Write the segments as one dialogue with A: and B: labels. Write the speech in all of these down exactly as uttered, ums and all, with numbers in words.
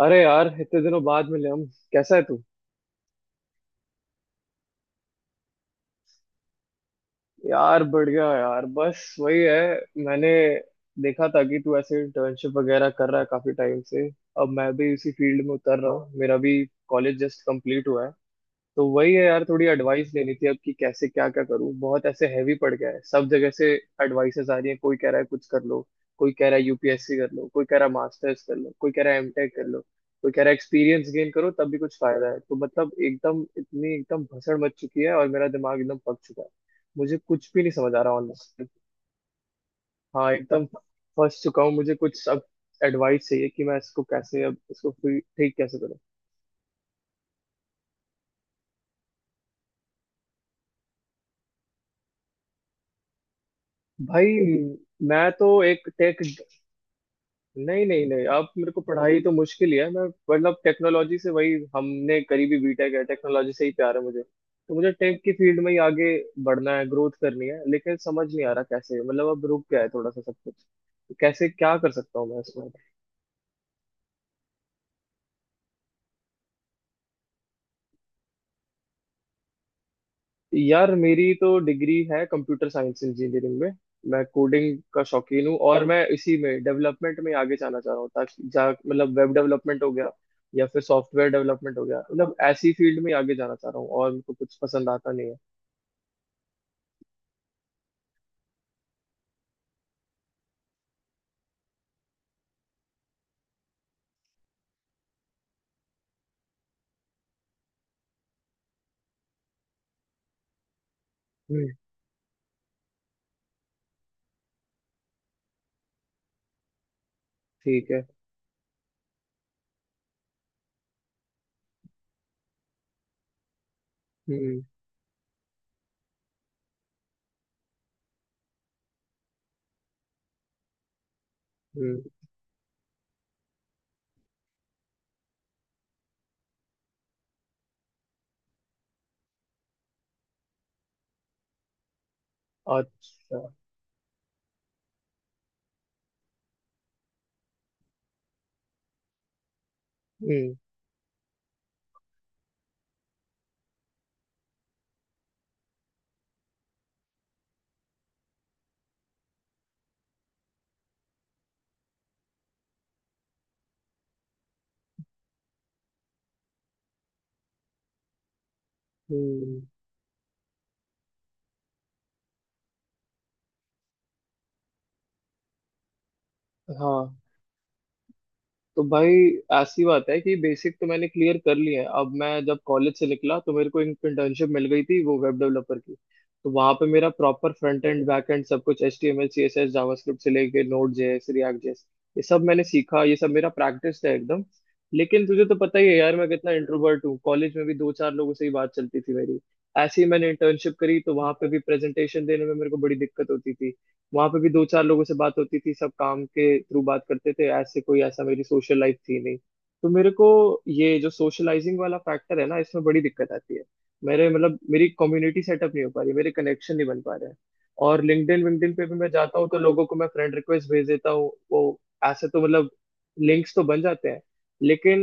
A: अरे यार, इतने दिनों बाद मिले हम। कैसा है तू। यार बढ़िया यार, बस वही है। मैंने देखा था कि तू ऐसे इंटर्नशिप वगैरह कर रहा है काफी टाइम से। अब मैं भी इसी फील्ड में उतर रहा हूँ, मेरा भी कॉलेज जस्ट कंप्लीट हुआ है। तो वही है यार, थोड़ी एडवाइस लेनी थी अब कि कैसे, क्या क्या करूं। बहुत ऐसे हैवी पड़ गया है, सब जगह से एडवाइसेस आ रही है। कोई कह रहा है कुछ कर लो, कोई कह रहा है यू पी एस सी कर लो, कोई कह रहा है मास्टर्स कर लो, कोई कह रहा है एम टेक कर लो, कोई कह रहा है एक्सपीरियंस गेन करो तब भी कुछ फायदा है। तो मतलब एकदम, इतनी एकदम भसड़ मच चुकी है और मेरा दिमाग एकदम पक चुका है। मुझे कुछ भी नहीं समझ आ रहा ऑनलाइन। हाँ, एकदम फंस चुका हूँ। मुझे कुछ अब एडवाइस चाहिए कि मैं इसको कैसे, अब इसको फिर ठीक कैसे करूं। भाई, मैं तो एक टेक। नहीं नहीं नहीं, आप मेरे को पढ़ाई तो मुश्किल ही है। मैं मतलब टेक्नोलॉजी से, वही हमने करी भी बी टेक है, टेक्नोलॉजी से ही प्यार है मुझे। तो मुझे टेक की फील्ड में ही आगे बढ़ना है, ग्रोथ करनी है। लेकिन समझ नहीं आ रहा कैसे। मतलब अब रुक गया है थोड़ा सा सब कुछ। तो कैसे क्या कर सकता हूँ मैं इसमें। यार मेरी तो डिग्री है कंप्यूटर साइंस इंजीनियरिंग में। मैं कोडिंग का शौकीन हूँ और मैं इसी में डेवलपमेंट में आगे जाना चाह रहा हूँ। ताकि जा मतलब वेब डेवलपमेंट हो गया या फिर सॉफ्टवेयर डेवलपमेंट हो गया, मतलब ऐसी फील्ड में आगे जाना चाह रहा हूँ, और मुझको कुछ पसंद आता नहीं है। हम्म। ठीक है। हम्म हम्म। अच्छा। हम्म हम्म। हाँ। तो भाई, ऐसी बात है कि बेसिक तो मैंने क्लियर कर लिए हैं। अब मैं जब कॉलेज से निकला तो मेरे को इंटर्नशिप मिल गई थी वो वेब डेवलपर की। तो वहां पे मेरा proper front end back end सब कुछ, H T M L, C S S, JavaScript से लेके नोड जे एस, रिएक्ट जे एस, ये सब मैंने सीखा, ये सब मेरा प्रैक्टिस है एकदम। लेकिन तुझे तो पता ही है यार, मैं कितना इंट्रोवर्ट हूँ। कॉलेज में भी दो चार लोगों से ही बात चलती थी मेरी। ऐसे ही मैंने इंटर्नशिप करी तो वहां पे भी प्रेजेंटेशन देने में मेरे को बड़ी दिक्कत होती थी। वहां पे भी दो चार लोगों से बात होती थी, सब काम के थ्रू बात करते थे। ऐसे कोई, ऐसा मेरी सोशल लाइफ थी नहीं। तो मेरे को ये जो सोशलाइजिंग वाला फैक्टर है ना, इसमें बड़ी दिक्कत आती है। मेरे मतलब मेरी कम्युनिटी सेटअप नहीं हो पा रही, मेरे कनेक्शन नहीं बन पा रहे हैं। और लिंक्डइन विंक्डइन पे भी मैं जाता हूँ तो लोगों को मैं फ्रेंड रिक्वेस्ट भेज देता हूँ। वो ऐसे तो मतलब लिंक्स तो बन जाते हैं, लेकिन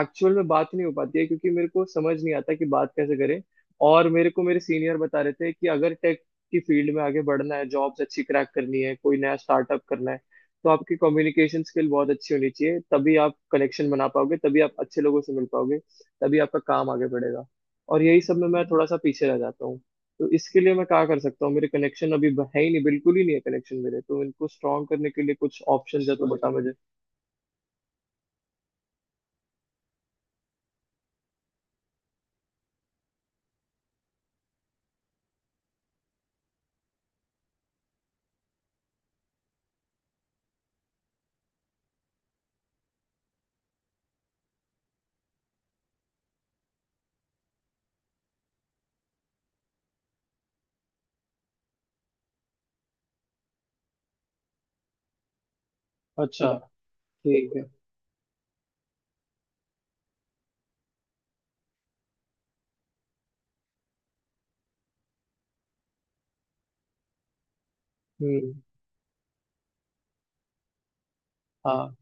A: एक्चुअल में बात नहीं हो पाती है, क्योंकि मेरे को समझ नहीं आता कि बात कैसे करें। और मेरे को मेरे सीनियर बता रहे थे कि अगर की फील्ड में आगे बढ़ना है, जॉब्स अच्छी क्रैक करनी है, कोई नया स्टार्टअप करना है, तो आपकी कम्युनिकेशन स्किल बहुत अच्छी होनी चाहिए, तभी आप कनेक्शन बना पाओगे, तभी आप अच्छे लोगों से मिल पाओगे, तभी आपका काम आगे बढ़ेगा। और यही सब में मैं थोड़ा सा पीछे रह जाता हूँ। तो इसके लिए मैं क्या कर सकता हूँ, मेरे कनेक्शन अभी ब- है ही नहीं, बिल्कुल ही नहीं है कनेक्शन मेरे। तो इनको स्ट्रॉन्ग करने के लिए कुछ ऑप्शन है तो बता मुझे। अच्छा। ठीक है। हम्म। हाँ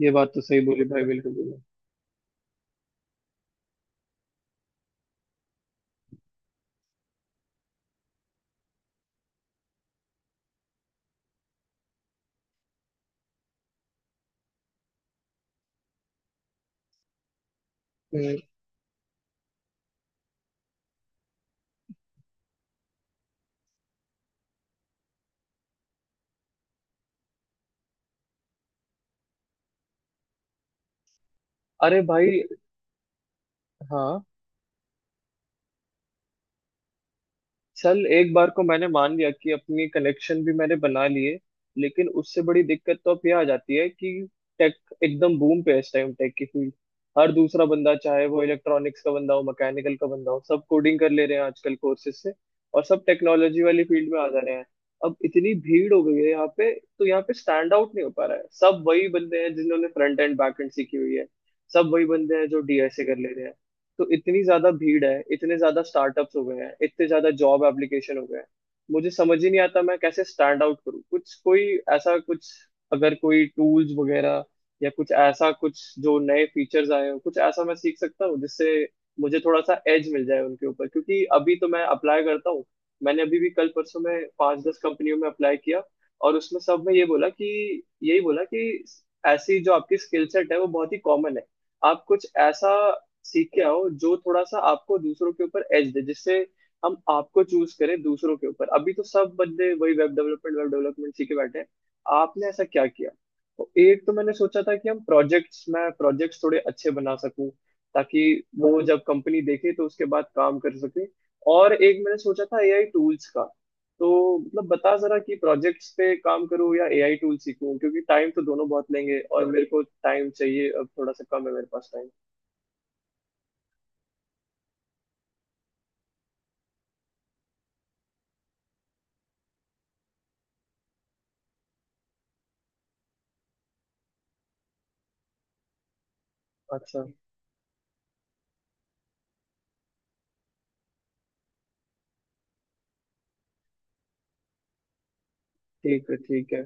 A: ये बात तो सही बोली भाई, बिल्कुल बोली। हम्म। अरे भाई। हाँ। चल, एक बार को मैंने मान लिया कि अपनी कलेक्शन भी मैंने बना लिए। लेकिन उससे बड़ी दिक्कत तो अब ये आ जाती है कि टेक एकदम बूम पे है इस टाइम, टेक की फील्ड। हर दूसरा बंदा, चाहे वो इलेक्ट्रॉनिक्स का बंदा हो मैकेनिकल का बंदा हो, सब कोडिंग कर ले रहे हैं आजकल कोर्सेज से, और सब टेक्नोलॉजी वाली फील्ड में आ जा रहे हैं। अब इतनी भीड़ हो गई है यहाँ पे, तो यहाँ पे स्टैंड आउट नहीं हो पा रहा है। सब वही बंदे हैं जिन्होंने फ्रंट एंड बैक एंड सीखी हुई है, सब वही बंदे हैं जो डी एस ए कर ले रहे हैं। तो इतनी ज्यादा भीड़ है, इतने ज्यादा स्टार्टअप्स हो गए हैं, इतने ज्यादा जॉब एप्लीकेशन हो गए हैं। मुझे समझ ही नहीं आता मैं कैसे स्टैंड आउट करूँ, कुछ कोई ऐसा कुछ, अगर कोई टूल्स वगैरह या कुछ ऐसा कुछ जो नए फीचर्स आए हो, कुछ ऐसा मैं सीख सकता हूँ जिससे मुझे थोड़ा सा एज मिल जाए उनके ऊपर। क्योंकि अभी तो मैं अप्लाई करता हूँ, मैंने अभी भी कल परसों में पांच दस कंपनियों में अप्लाई किया, और उसमें सब में ये बोला कि, यही बोला कि ऐसी जो आपकी स्किल सेट है वो बहुत ही कॉमन है, आप कुछ ऐसा सीख के आओ जो थोड़ा सा आपको दूसरों के ऊपर एज दे, जिससे हम आपको चूज करें दूसरों के ऊपर। अभी तो सब बंदे वही वेब डेवलपमेंट वेब डेवलपमेंट सीखे बैठे हैं, आपने ऐसा क्या किया। तो एक तो मैंने सोचा था कि हम प्रोजेक्ट्स मैं प्रोजेक्ट्स थोड़े अच्छे बना सकूं, ताकि वो जब कंपनी देखे तो उसके बाद काम कर सके। और एक मैंने सोचा था ए आई टूल्स का। तो मतलब बता जरा कि प्रोजेक्ट्स पे काम करूं या ए आई टूल सीखूं, क्योंकि टाइम तो दोनों बहुत लेंगे, और मेरे को टाइम चाहिए अब थोड़ा सा, कम है मेरे पास टाइम। अच्छा। ठीक है। ठीक है।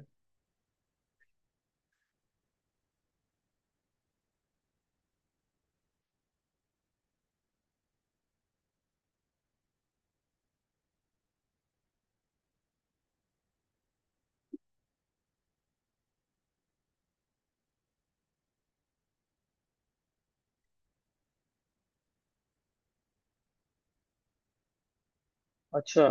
A: अच्छा।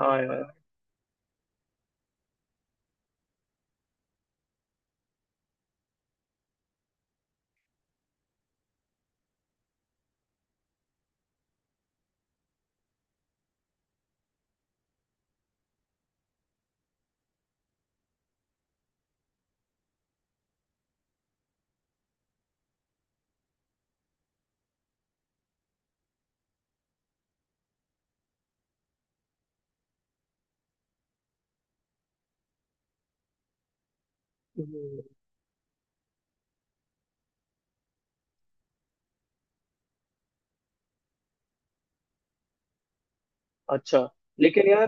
A: हाँ यार। हम्म। अच्छा। लेकिन यार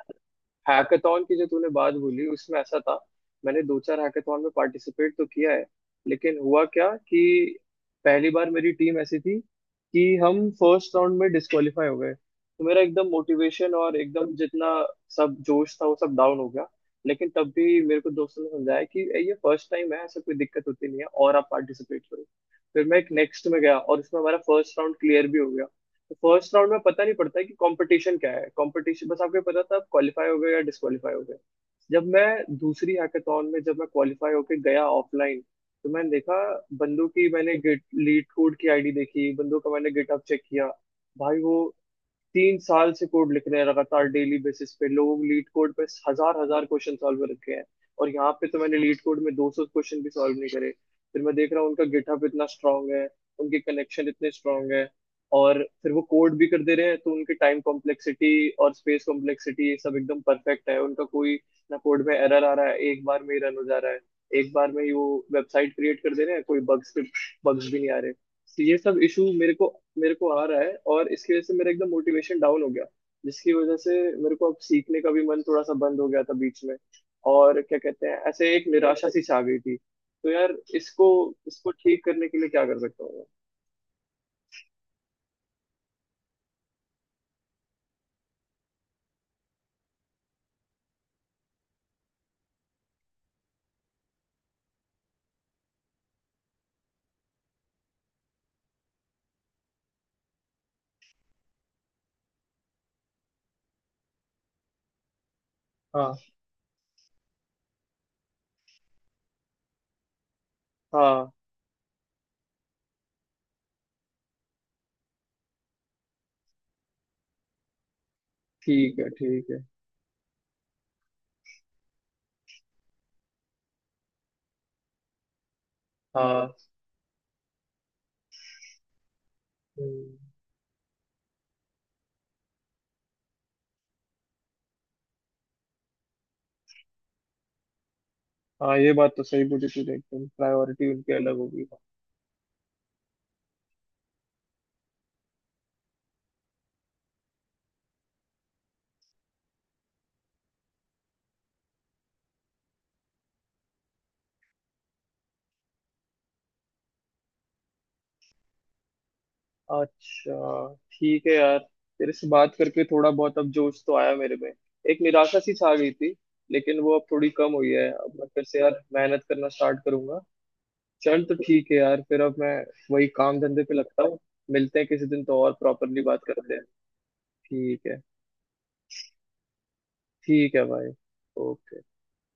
A: हैकाथॉन की जो तूने बात बोली, उसमें ऐसा था, मैंने दो चार हैकाथॉन में पार्टिसिपेट तो किया है। लेकिन हुआ क्या कि पहली बार मेरी टीम ऐसी थी कि हम फर्स्ट राउंड में डिस्क्वालीफाई हो गए, तो मेरा एकदम मोटिवेशन और एकदम जितना सब जोश था वो सब डाउन हो गया। लेकिन तब भी मेरे को दोस्तों ने समझाया कि ये फर्स्ट टाइम है, ऐसा कोई दिक्कत होती नहीं है, और आप पार्टिसिपेट करो। फिर मैं एक नेक्स्ट में गया और उसमें हमारा फर्स्ट राउंड क्लियर भी हो गया। तो फर्स्ट राउंड में पता नहीं पड़ता है कि कंपटीशन क्या है, कंपटीशन बस आपको पता था आप क्वालिफाई हो गए या डिस्क्वालीफाई हो गए। जब मैं दूसरी हैकाथॉन में जब मैं क्वालिफाई होके गया ऑफलाइन, तो मैंने देखा, बंदों की मैंने गिट लीड कोड की आईडी देखी, बंदों का मैंने गिटहब चेक किया। भाई, वो तीन साल से कोड लिख रहे हैं लगातार, डेली बेसिस पे लोग लीड कोड पे हजार हजार क्वेश्चन सॉल्व रखे हैं। और यहाँ पे तो मैंने लीड कोड में दो सौ क्वेश्चन भी सॉल्व नहीं करे। फिर मैं देख रहा हूँ उनका गिटहब इतना स्ट्रांग है, उनके कनेक्शन इतने स्ट्रांग है, और फिर वो कोड भी कर दे रहे हैं, तो उनके टाइम कॉम्प्लेक्सिटी और स्पेस कॉम्प्लेक्सिटी, ये सब एकदम परफेक्ट है उनका। कोई ना कोड में एरर आ रहा है, एक बार में ही रन हो जा रहा है, एक बार में ही वो वेबसाइट क्रिएट कर दे रहे हैं, कोई बग्स बग्स भी नहीं आ रहे। तो ये सब इशू मेरे को मेरे को आ रहा है, और इसकी वजह से मेरा एकदम मोटिवेशन डाउन हो गया, जिसकी वजह से मेरे को अब सीखने का भी मन थोड़ा सा बंद हो गया था बीच में। और क्या कहते हैं, ऐसे एक निराशा सी छा गई थी। तो यार इसको इसको ठीक करने के लिए क्या कर सकता हूँ मैं? हाँ हाँ। ठीक है, ठीक है। हाँ। हम्म। हाँ ये बात तो सही बोली तूने, एकदम प्रायोरिटी उनकी अलग होगी। अच्छा, ठीक है यार। तेरे से बात करके थोड़ा बहुत अब जोश तो आया मेरे में। एक निराशा सी छा गई थी, लेकिन वो अब थोड़ी कम हुई है। अब मैं फिर से यार मेहनत करना स्टार्ट करूंगा। चल, तो ठीक है यार, फिर अब मैं वही काम धंधे पे लगता हूँ। मिलते हैं किसी दिन तो, और प्रॉपरली बात करते हैं। ठीक है। ठीक है भाई, ओके।